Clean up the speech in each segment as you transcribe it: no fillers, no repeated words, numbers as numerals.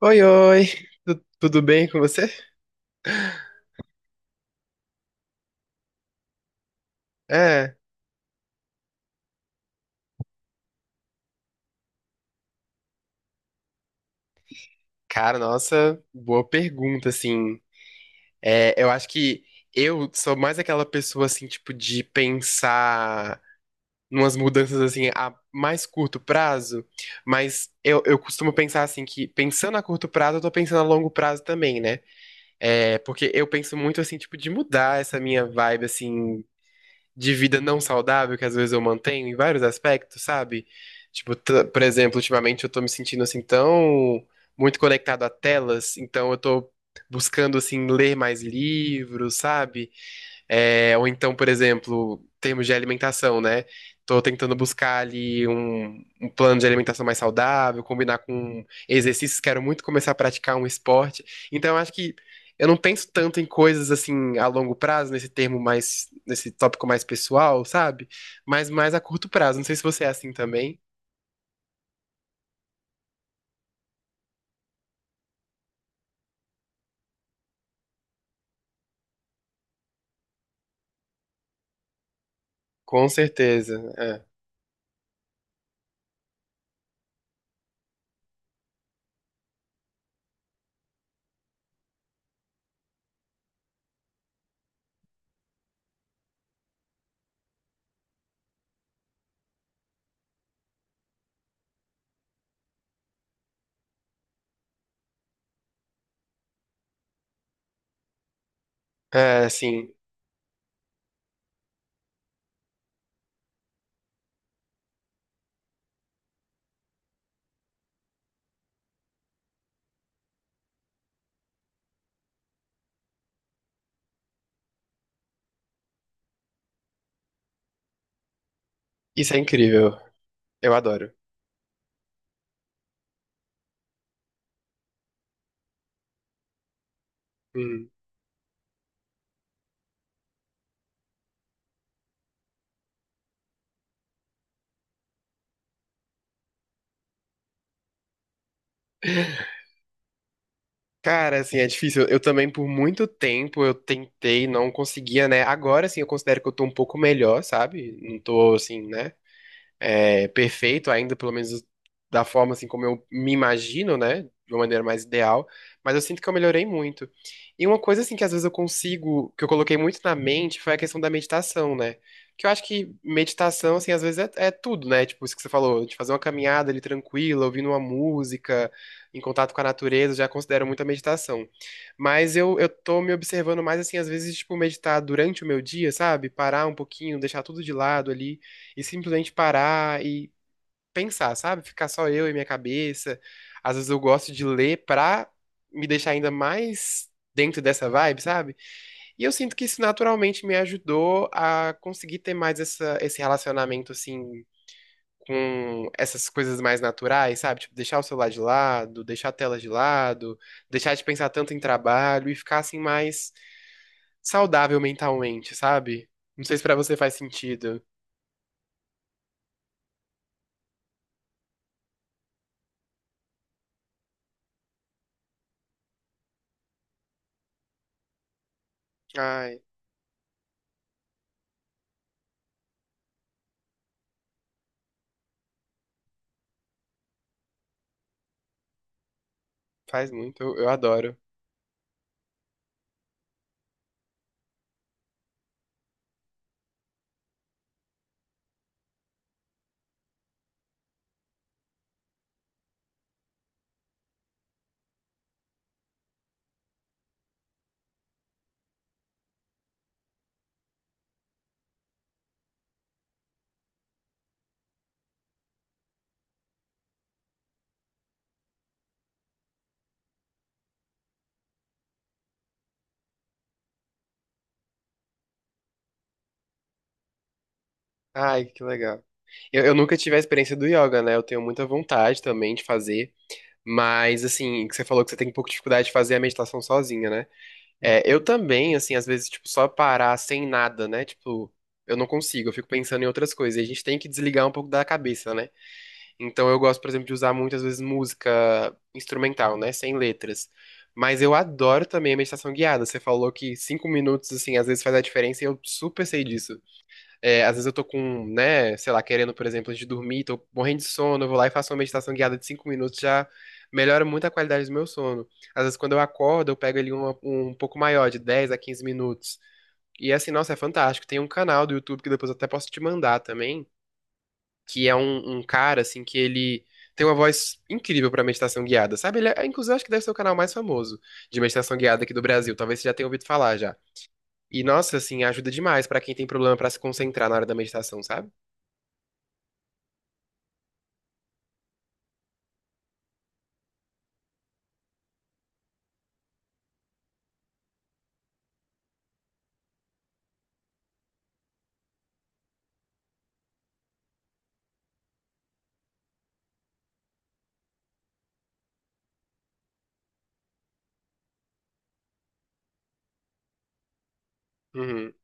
Oi, oi, tudo bem com você? É, Cara, nossa, boa pergunta, assim, eu acho que eu sou mais aquela pessoa, assim, tipo, de pensar numas mudanças, assim, a mais curto prazo, mas eu costumo pensar, assim, que pensando a curto prazo, eu tô pensando a longo prazo também, né? É, porque eu penso muito, assim, tipo, de mudar essa minha vibe, assim, de vida não saudável que às vezes eu mantenho em vários aspectos, sabe? Tipo, por exemplo, ultimamente eu tô me sentindo assim tão muito conectado a telas, então eu tô buscando assim ler mais livros, sabe? É, ou então, por exemplo, termos de alimentação, né? Tô tentando buscar ali um plano de alimentação mais saudável, combinar com exercícios, quero muito começar a praticar um esporte. Então, eu acho que eu não penso tanto em coisas assim a longo prazo, nesse termo mais, nesse tópico mais pessoal, sabe? Mas mais a curto prazo. Não sei se você é assim também. Com certeza. É, é assim, isso é incrível. Eu adoro. Hum. Cara, assim, é difícil. Eu também, por muito tempo, eu tentei, não conseguia, né? Agora, assim, eu considero que eu tô um pouco melhor, sabe? Não tô, assim, né? É, perfeito ainda, pelo menos da forma assim como eu me imagino, né? De uma maneira mais ideal, mas eu sinto que eu melhorei muito. E uma coisa assim que às vezes eu consigo, que eu coloquei muito na mente, foi a questão da meditação, né? Que eu acho que meditação, assim, às vezes é tudo, né? Tipo, isso que você falou, de fazer uma caminhada ali tranquila, ouvindo uma música, em contato com a natureza, eu já considero muita meditação. Mas eu tô me observando mais, assim, às vezes, tipo, meditar durante o meu dia, sabe? Parar um pouquinho, deixar tudo de lado ali e simplesmente parar e pensar, sabe? Ficar só eu e minha cabeça. Às vezes eu gosto de ler pra me deixar ainda mais dentro dessa vibe, sabe? E eu sinto que isso naturalmente me ajudou a conseguir ter mais esse relacionamento assim. Com essas coisas mais naturais, sabe? Tipo, deixar o celular de lado, deixar a tela de lado, deixar de pensar tanto em trabalho e ficar assim mais saudável mentalmente, sabe? Não sei se pra você faz sentido. Ai, faz muito, eu adoro. Ai, que legal. Eu nunca tive a experiência do yoga, né? Eu tenho muita vontade também de fazer. Mas, assim, que você falou que você tem um pouco de dificuldade de fazer a meditação sozinha, né? É, eu também, assim, às vezes, tipo, só parar sem nada, né? Tipo, eu não consigo, eu fico pensando em outras coisas. E a gente tem que desligar um pouco da cabeça, né? Então, eu gosto, por exemplo, de usar muitas vezes música instrumental, né? Sem letras. Mas eu adoro também a meditação guiada. Você falou que cinco minutos, assim, às vezes faz a diferença e eu super sei disso. É, às vezes eu tô com, né, sei lá, querendo, por exemplo, antes de dormir, tô morrendo de sono, eu vou lá e faço uma meditação guiada de cinco minutos, já melhora muito a qualidade do meu sono. Às vezes quando eu acordo, eu pego ali um pouco maior, de 10 a 15 minutos. E assim, nossa, é fantástico. Tem um canal do YouTube que depois eu até posso te mandar também, que é um cara, assim, que ele tem uma voz incrível pra meditação guiada, sabe? Ele é, inclusive, acho que deve ser o canal mais famoso de meditação guiada aqui do Brasil. Talvez você já tenha ouvido falar já. E, nossa, assim, ajuda demais pra quem tem problema pra se concentrar na hora da meditação, sabe? Uhum,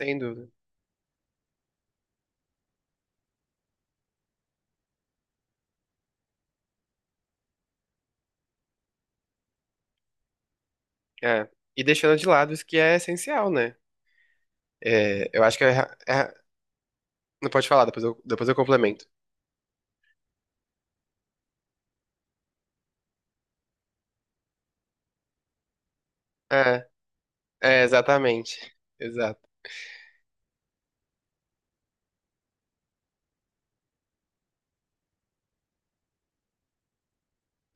sem dúvida. É. E deixando de lado isso que é essencial, né? É, eu acho que é, é não pode falar, depois eu complemento. É, exatamente. Exato.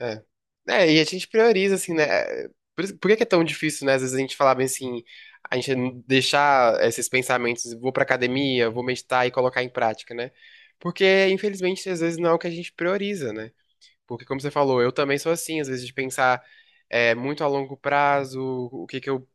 É. É, e a gente prioriza, assim, né? É, por que que é tão difícil, né? Às vezes a gente falar bem assim, a gente não deixar esses pensamentos, vou pra academia, vou meditar e colocar em prática, né? Porque, infelizmente, às vezes não é o que a gente prioriza, né? Porque, como você falou, eu também sou assim, às vezes de pensar muito a longo prazo, o que que eu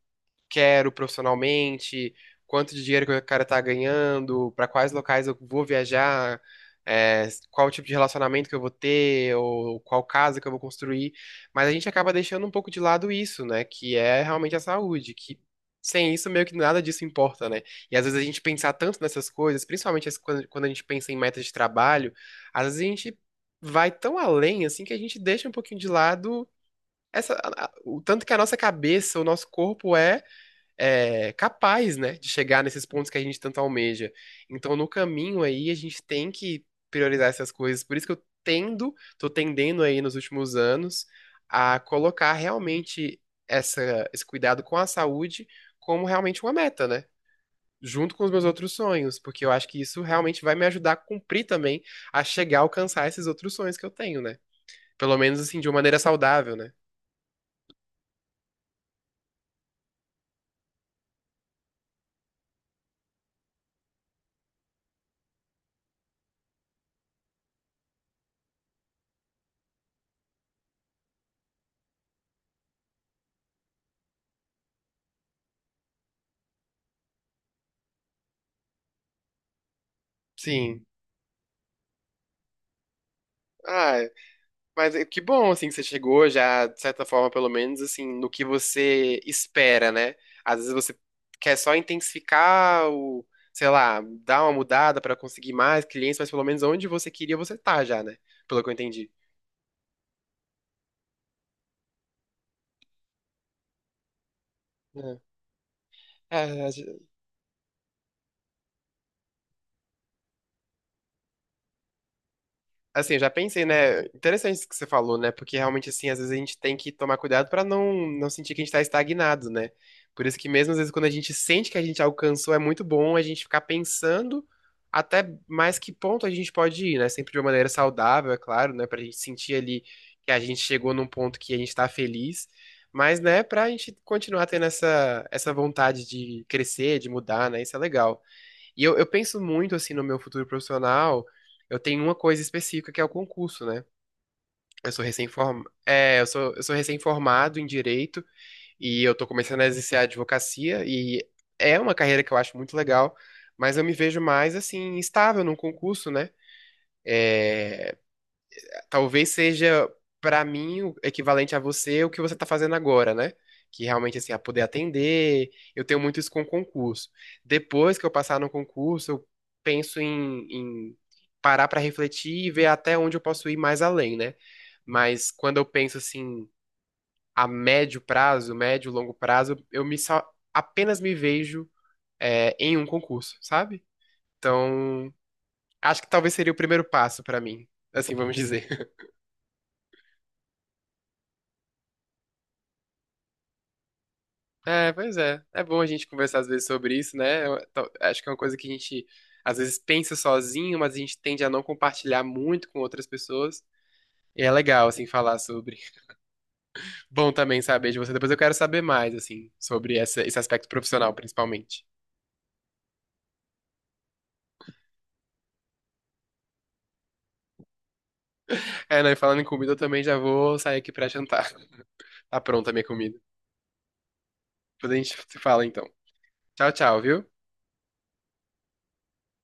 quero profissionalmente, quanto de dinheiro que o cara tá ganhando, para quais locais eu vou viajar, qual tipo de relacionamento que eu vou ter, ou qual casa que eu vou construir. Mas a gente acaba deixando um pouco de lado isso, né? Que é realmente a saúde, que sem isso meio que nada disso importa, né? E às vezes a gente pensar tanto nessas coisas, principalmente quando a gente pensa em metas de trabalho, às vezes a gente vai tão além assim que a gente deixa um pouquinho de lado o tanto que a nossa cabeça, o nosso corpo é, capaz, né, de chegar nesses pontos que a gente tanto almeja. Então, no caminho aí, a gente tem que priorizar essas coisas. Por isso que tô tendendo aí nos últimos anos a colocar realmente esse cuidado com a saúde como realmente uma meta, né? Junto com os meus outros sonhos, porque eu acho que isso realmente vai me ajudar a cumprir também, a chegar a alcançar esses outros sonhos que eu tenho, né? Pelo menos assim, de uma maneira saudável, né? Sim. Ah, mas é que bom, assim, que você chegou já, de certa forma, pelo menos, assim, no que você espera, né? Às vezes você quer só intensificar o, sei lá, dar uma mudada pra conseguir mais clientes, mas pelo menos onde você queria, você tá já, né? Pelo que eu entendi. É, É, a Assim, eu já pensei, né? Interessante isso que você falou, né? Porque realmente, assim, às vezes a gente tem que tomar cuidado pra não sentir que a gente tá estagnado, né? Por isso que mesmo às vezes quando a gente sente que a gente alcançou, é muito bom a gente ficar pensando até mais que ponto a gente pode ir, né? Sempre de uma maneira saudável, é claro, né? Pra gente sentir ali que a gente chegou num ponto que a gente tá feliz, mas, né, pra gente continuar tendo essa vontade de crescer, de mudar, né? Isso é legal. E eu penso muito, assim, no meu futuro profissional. Eu tenho uma coisa específica que é o concurso, né? Eu sou, recém-formado em direito e eu tô começando a exercer a advocacia e é uma carreira que eu acho muito legal, mas eu me vejo mais, assim, estável num concurso, né? Talvez seja pra mim o equivalente a você o que você tá fazendo agora, né? Que realmente assim, a poder atender, eu tenho muito isso com concurso. Depois que eu passar no concurso, eu penso em parar pra refletir e ver até onde eu posso ir mais além, né? Mas quando eu penso assim, médio, longo prazo, eu me só apenas me vejo em um concurso, sabe? Então, acho que talvez seria o primeiro passo pra mim, assim vamos dizer. É, pois é. É bom a gente conversar às vezes sobre isso, né? Acho que é uma coisa que a gente às vezes pensa sozinho, mas a gente tende a não compartilhar muito com outras pessoas. E é legal, assim, falar sobre. Bom também saber de você. Depois eu quero saber mais, assim, esse aspecto profissional, principalmente. É, não, e falando em comida, eu também já vou sair aqui pra jantar. Tá pronta a minha comida. Depois a gente se fala, então. Tchau, tchau, viu?